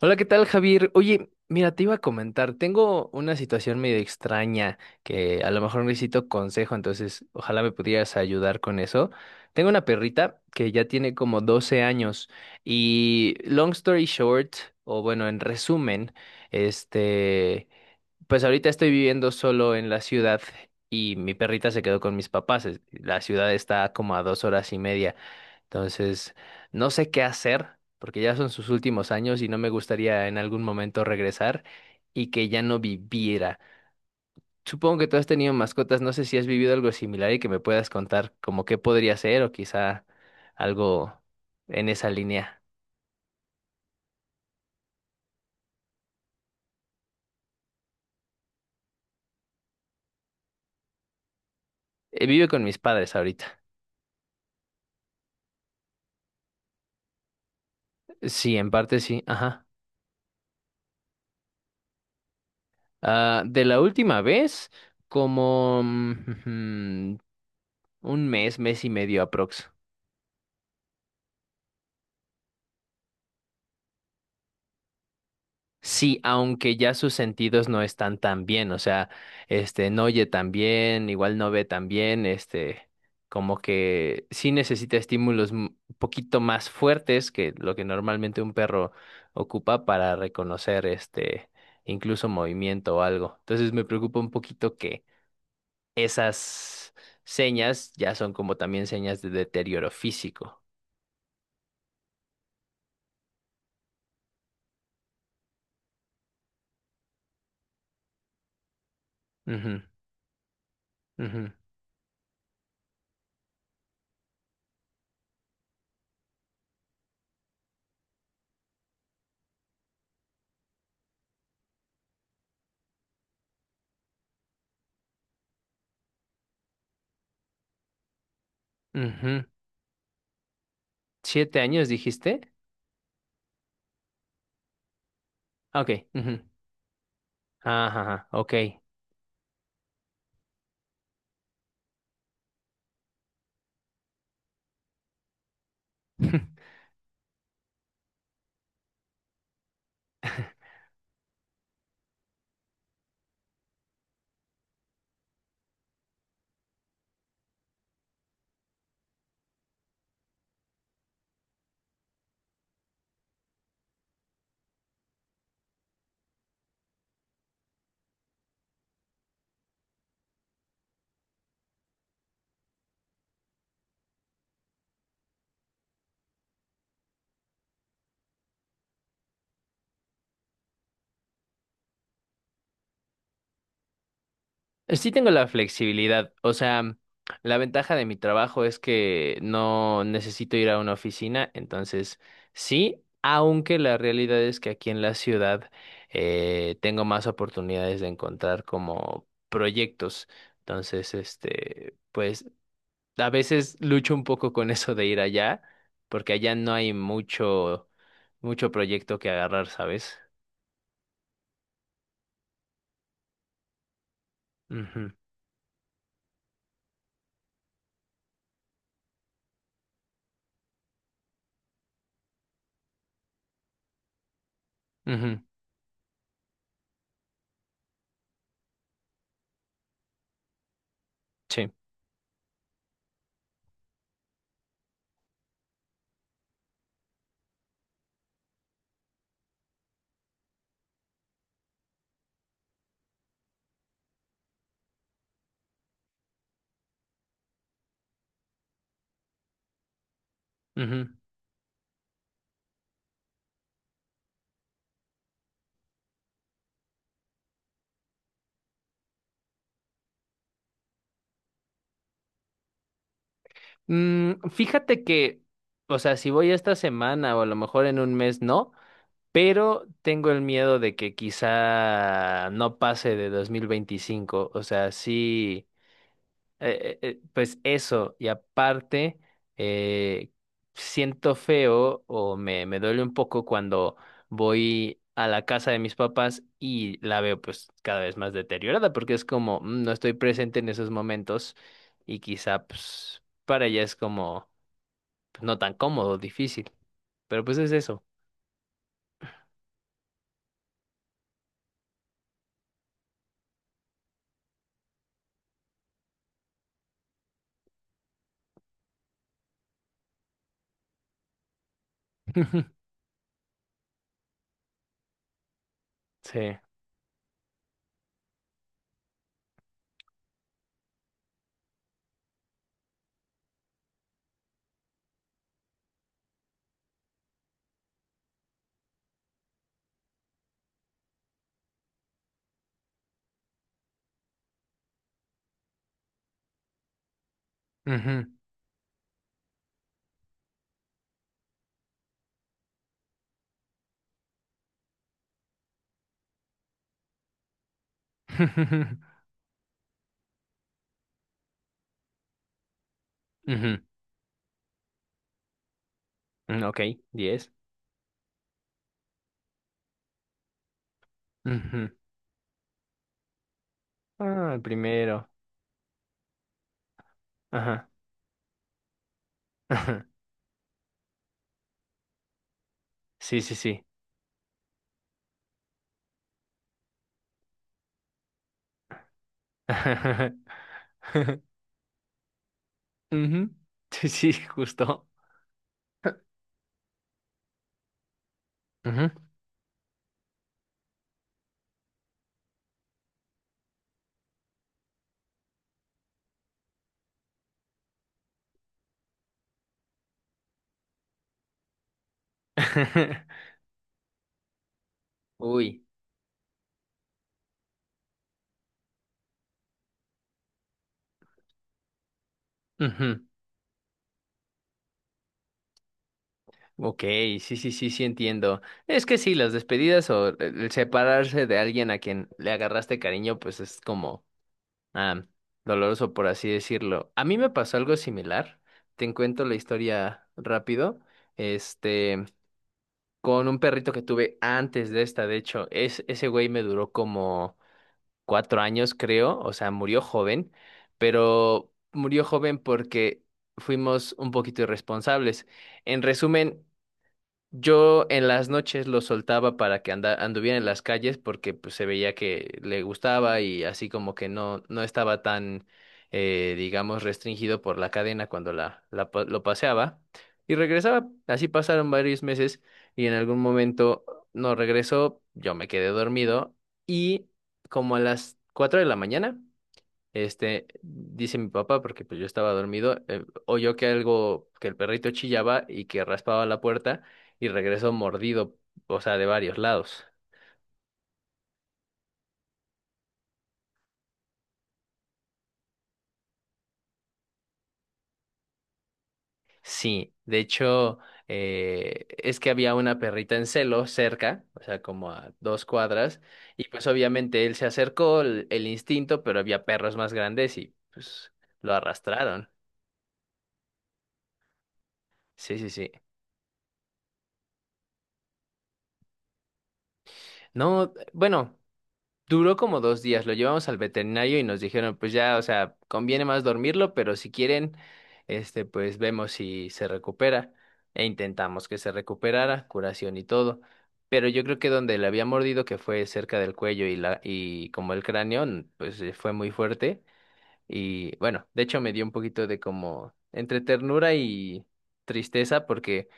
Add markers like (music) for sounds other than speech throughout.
Hola, ¿qué tal, Javier? Oye, mira, te iba a comentar, tengo una situación medio extraña que a lo mejor necesito consejo, entonces ojalá me pudieras ayudar con eso. Tengo una perrita que ya tiene como 12 años y long story short, o bueno, en resumen, este, pues ahorita estoy viviendo solo en la ciudad y mi perrita se quedó con mis papás. La ciudad está como a 2 horas y media. Entonces, no sé qué hacer porque ya son sus últimos años y no me gustaría en algún momento regresar y que ya no viviera. Supongo que tú has tenido mascotas. No sé si has vivido algo similar y que me puedas contar como qué podría ser o quizá algo en esa línea. Vive con mis padres ahorita. Sí, en parte sí. Ajá. Ah, de la última vez, como (laughs) un mes, mes y medio aprox. Sí, aunque ya sus sentidos no están tan bien, o sea, no oye tan bien, igual no ve tan bien, como que sí necesita estímulos un poquito más fuertes que lo que normalmente un perro ocupa para reconocer, incluso movimiento o algo. Entonces me preocupa un poquito que esas señas ya son como también señas de deterioro físico. Ujú, ujú, ujú. ¿7 años dijiste? Ah, Ok. Ujú. Ajá, ajá, ok. (laughs) Sí tengo la flexibilidad. O sea, la ventaja de mi trabajo es que no necesito ir a una oficina. Entonces, sí, aunque la realidad es que aquí en la ciudad tengo más oportunidades de encontrar como proyectos. Entonces, pues a veces lucho un poco con eso de ir allá, porque allá no hay mucho proyecto que agarrar, ¿sabes? Ujú, ujú, sí. Ujú. Fíjate que, o sea, si voy esta semana o a lo mejor en 1 mes, no, pero tengo el miedo de que quizá no pase de 2025, o sea, sí. Pues eso, y aparte, eh, siento feo o me duele un poco cuando voy a la casa de mis papás y la veo pues cada vez más deteriorada, porque es como, No estoy presente en esos momentos y quizá pues para ella es como pues, no tan cómodo, difícil, pero pues es eso." (laughs) Sí. Ujú. (laughs) Ujú. Mm, Ok, 10. Ujú. Ah, el primero. Ajá. (laughs) Sí, sí, sí. (laughs) Ujú. Sí, sí, justo. Ujú. (laughs) Uy. Ujú. Ok, sí, sí, sí, sí entiendo. Es que sí, las despedidas o el separarse de alguien a quien le agarraste cariño, pues es como ah, doloroso, por así decirlo. A mí me pasó algo similar. Te cuento la historia rápido. Este, con un perrito que tuve antes de esta, de hecho, ese güey me duró como 4 años, creo, o sea, murió joven, pero murió joven porque fuimos un poquito irresponsables. En resumen, yo en las noches lo soltaba para que anduviera en las calles porque pues, se veía que le gustaba y así como que no, no estaba tan, digamos, restringido por la cadena cuando lo paseaba. Y regresaba, así pasaron varios meses y en algún momento no regresó, yo me quedé dormido y como a las 4 de la mañana dice mi papá, porque pues yo estaba dormido, oyó que el perrito chillaba y que raspaba la puerta y regresó mordido, o sea, de varios lados. Sí, de hecho, es que había una perrita en celo cerca, o sea, como a 2 cuadras, y pues obviamente él se acercó, el instinto, pero había perros más grandes y pues lo arrastraron. Sí, sí, sí. No, bueno. Duró como 2 días, lo llevamos al veterinario y nos dijeron, pues ya, o sea, conviene más dormirlo, pero si quieren, pues vemos si se recupera. E intentamos que se recuperara, curación y todo. Pero yo creo que donde le había mordido, que fue cerca del cuello y y como el cráneo, pues fue muy fuerte. Y bueno, de hecho me dio un poquito de como entre ternura y tristeza porque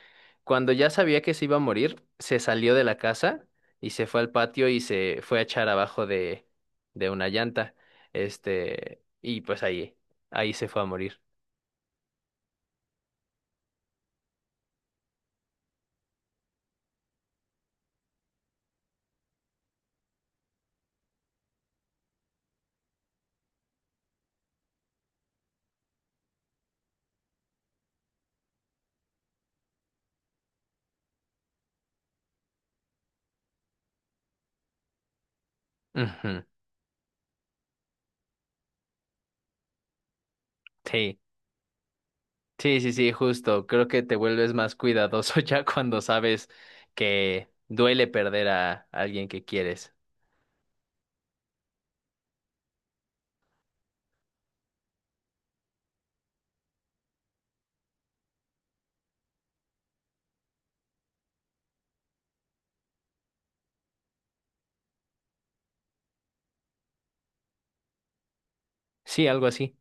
cuando ya sabía que se iba a morir, se salió de la casa y se fue al patio y se fue a echar abajo de una llanta. Y pues ahí se fue a morir. Ujú. Sí, sí, sí, sí, justo. Creo que te vuelves más cuidadoso (laughs) ya cuando sabes que duele perder a alguien que quieres. Sí, algo así.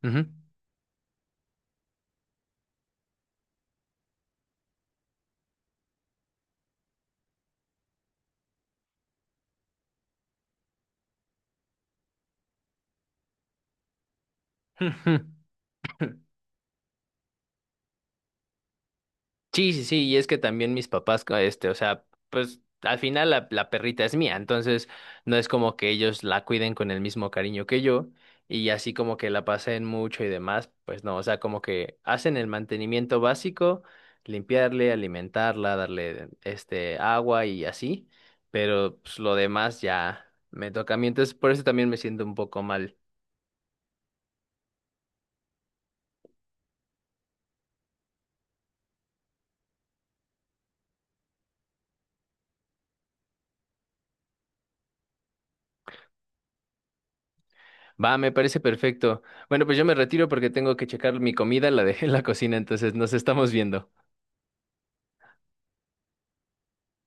Ujú. (laughs) Sí, sí, sí, y es que también mis papás, o sea, pues al final la perrita es mía, entonces no es como que ellos la cuiden con el mismo cariño que yo y así como que la pasen mucho y demás, pues no, o sea, como que hacen el mantenimiento básico, limpiarle, alimentarla, darle agua y así, pero pues, lo demás ya me toca a mí, entonces por eso también me siento un poco mal. Va, me parece perfecto. Bueno, pues yo me retiro porque tengo que checar mi comida, la dejé en la cocina, entonces nos estamos viendo.